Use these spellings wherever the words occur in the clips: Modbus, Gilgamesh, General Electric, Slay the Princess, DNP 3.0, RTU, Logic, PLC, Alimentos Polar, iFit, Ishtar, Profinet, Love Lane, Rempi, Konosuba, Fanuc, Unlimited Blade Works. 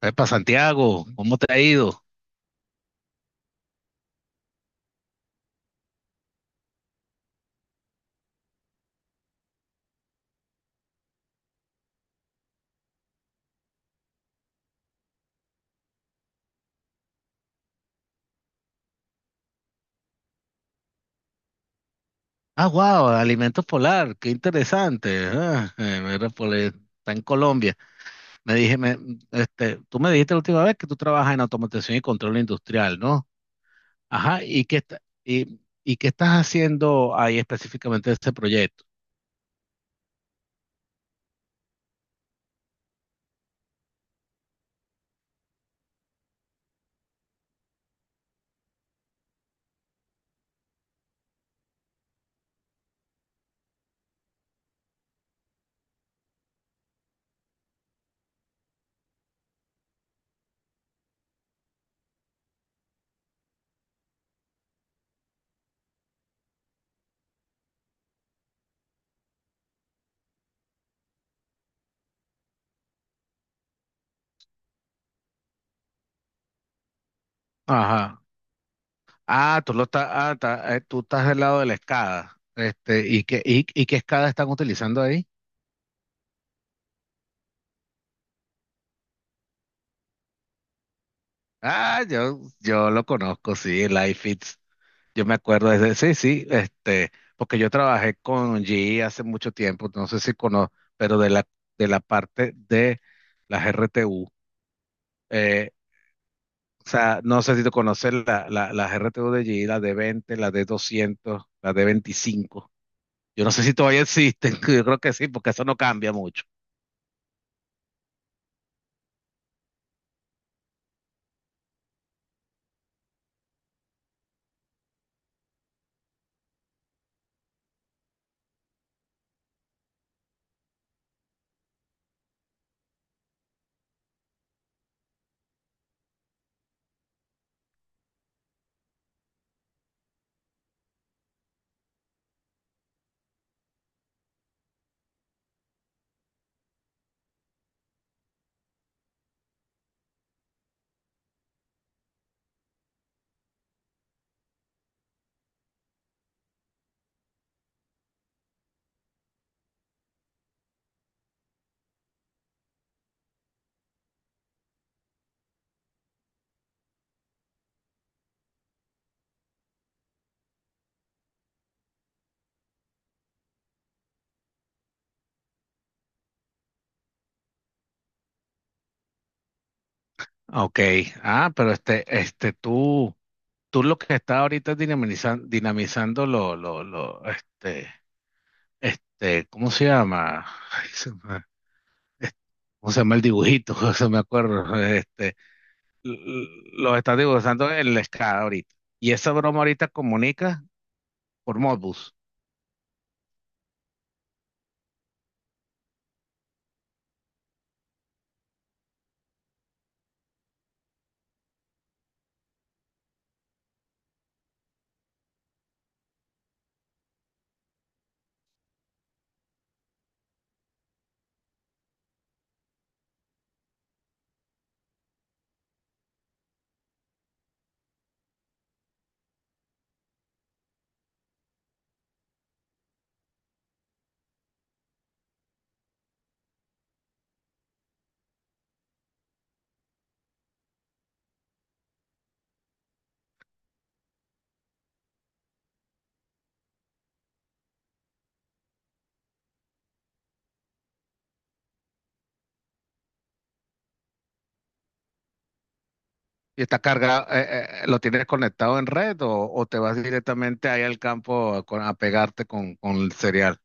Epa, Santiago, ¿cómo te ha ido? Ah, wow, alimentos polar, qué interesante. Ah, mira, pues, está en Colombia. Me dije, me- este, tú me dijiste la última vez que tú trabajas en automatización y control industrial, ¿no? Ajá. ¿Y qué estás haciendo ahí específicamente de este proyecto? Ajá. Ah, tú lo estás, tú estás del lado de la escada. Este, ¿Y qué escada están utilizando ahí? Ah, yo lo conozco, sí, el iFit. Yo me acuerdo sí, sí, este, porque yo trabajé con GE hace mucho tiempo, no sé si conozco, pero de la parte de las RTU. eh, o sea, no sé si tú conoces la, las RTU de GE, la de 20, la de 200, la de 25. Yo no sé si todavía existen, yo creo que sí, porque eso no cambia mucho. Ok, ah, pero este, tú lo que está ahorita dinamizando, lo, este, ¿cómo se llama? Ay, ¿Cómo se llama el dibujito? se me acuerdo. Este, l- l- lo está dibujando en la escala ahorita. Y esa broma ahorita comunica por Modbus. Y está cargado, ¿lo tienes conectado en red o te vas directamente ahí al campo a, a pegarte con, el serial?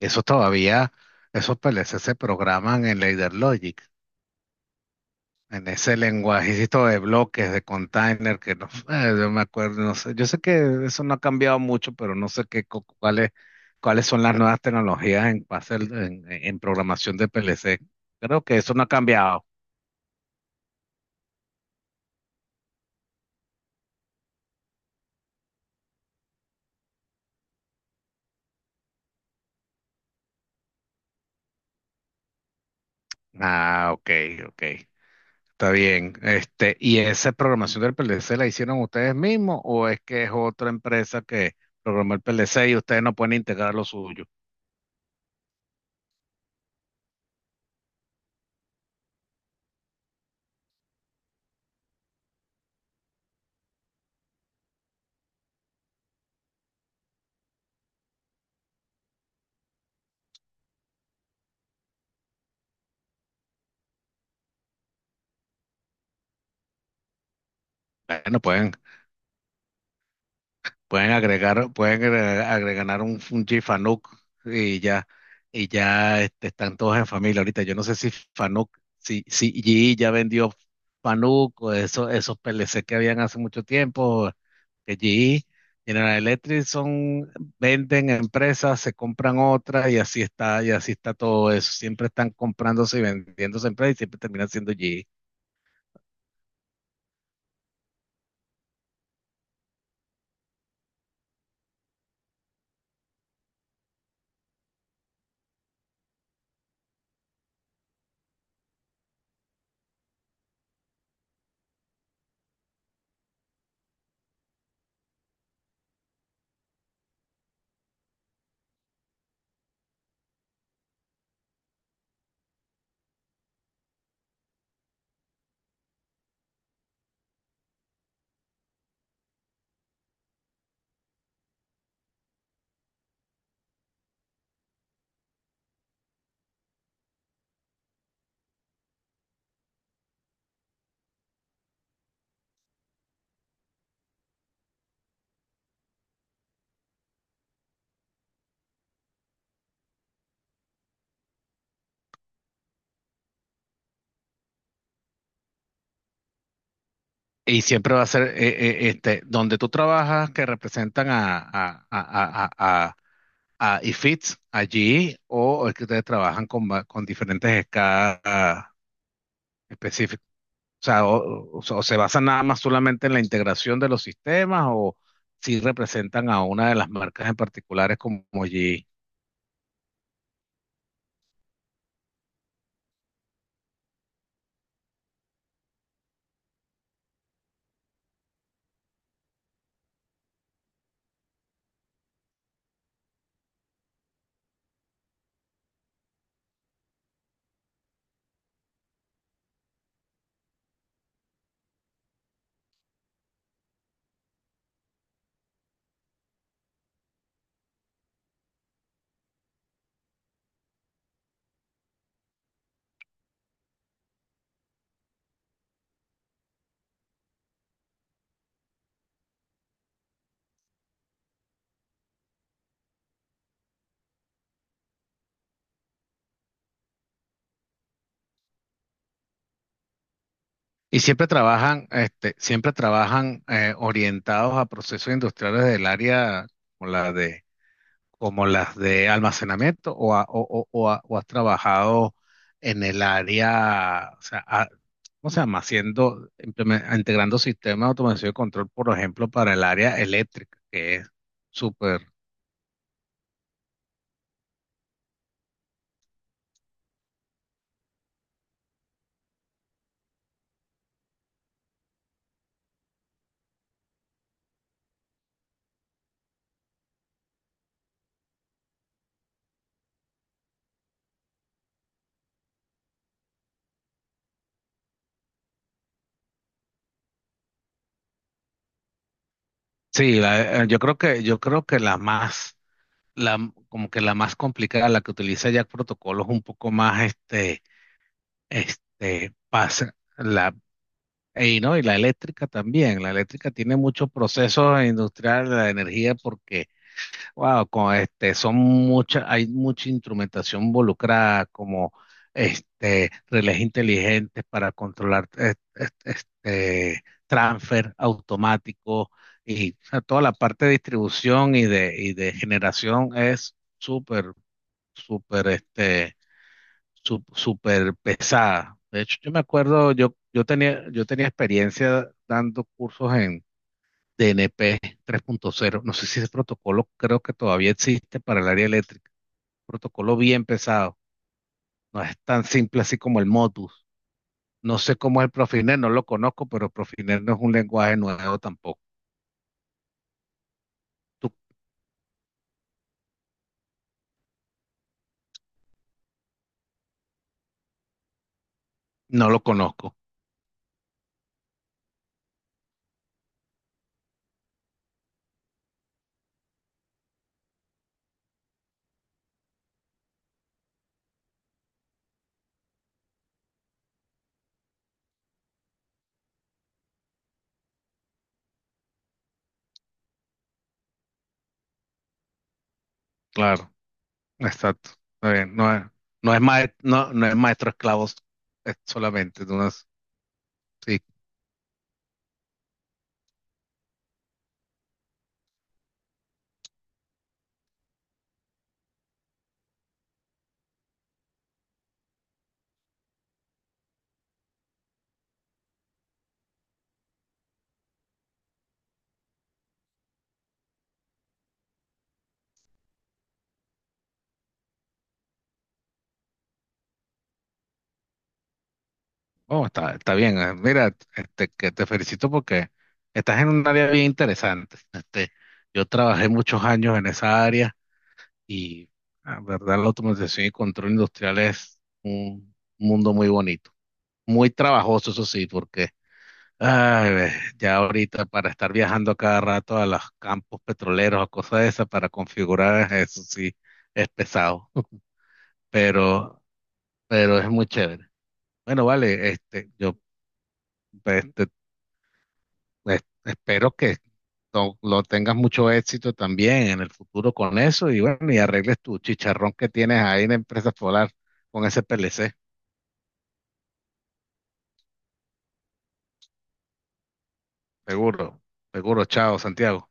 Eso todavía, esos PLC se programan en Logic. En ese lenguajecito de bloques, de container, que no, yo me acuerdo, no sé, yo sé que eso no ha cambiado mucho, pero no sé qué, cuáles son las nuevas tecnologías en, en programación de PLC. Creo que eso no ha cambiado. Ah, ok, ok, está bien. Este, ¿y esa programación del PLC la hicieron ustedes mismos o es que es otra empresa que programó el PLC y ustedes no pueden integrar lo suyo? Bueno, pueden. Pueden agregar, un, Fanuc y ya, este, están todos en familia ahorita. Yo no sé si Fanuc, si GE ya vendió Fanuc o eso, esos PLC que habían hace mucho tiempo, que GE, General Electric son, venden empresas, se compran otras y así está todo eso. Siempre están comprándose y vendiéndose empresas y siempre terminan siendo GE. Y siempre va a ser este, donde tú trabajas que representan a IFITS allí o es que ustedes trabajan con diferentes escalas específicas. O sea, o se basan nada más solamente en la integración de los sistemas o si representan a una de las marcas en particulares como GE. Y siempre trabajan, orientados a procesos industriales del área como la de como las de almacenamiento o, has trabajado en el área, o sea, ¿cómo se llama? Haciendo, integrando sistemas de automación y control, por ejemplo, para el área eléctrica, que es súper. Sí, yo creo que, la más, como que la más complicada, la que utiliza ya protocolos un poco más, pasa, la, y, ¿no? Y la eléctrica también, la eléctrica tiene muchos procesos industriales, la energía, porque wow, con este, son muchas, hay mucha instrumentación involucrada, como este, relés inteligentes para controlar este, transfer automático y o sea, toda la parte de distribución y de, generación es súper, súper, súper pesada. De hecho, yo me acuerdo, yo tenía experiencia dando cursos DNP 3.0. No sé si ese protocolo creo que todavía existe para el área eléctrica. Protocolo bien pesado. No es tan simple así como el Modbus. No sé cómo es el Profinet, no lo conozco, pero Profinet no es un lenguaje nuevo tampoco. Tú- no lo conozco, claro, exacto. Está bien. No, no es maestro esclavos es solamente. Tú no es- sí. Oh, está, bien. Mira, este, que te felicito porque estás en un área bien interesante. Este, yo trabajé muchos años en esa área. Y la verdad, la automatización y control industrial es un mundo muy bonito, muy trabajoso, eso sí, porque ay, ve, ya ahorita para estar viajando a cada rato a los campos petroleros o cosas de esas para configurar, eso sí, es pesado, pero, pero es muy chévere. Bueno, vale, este, este, espero que lo tengas mucho éxito también en el futuro con eso y bueno, y arregles tu chicharrón que tienes ahí en Empresa Solar con ese PLC. Seguro, seguro. Chao, Santiago.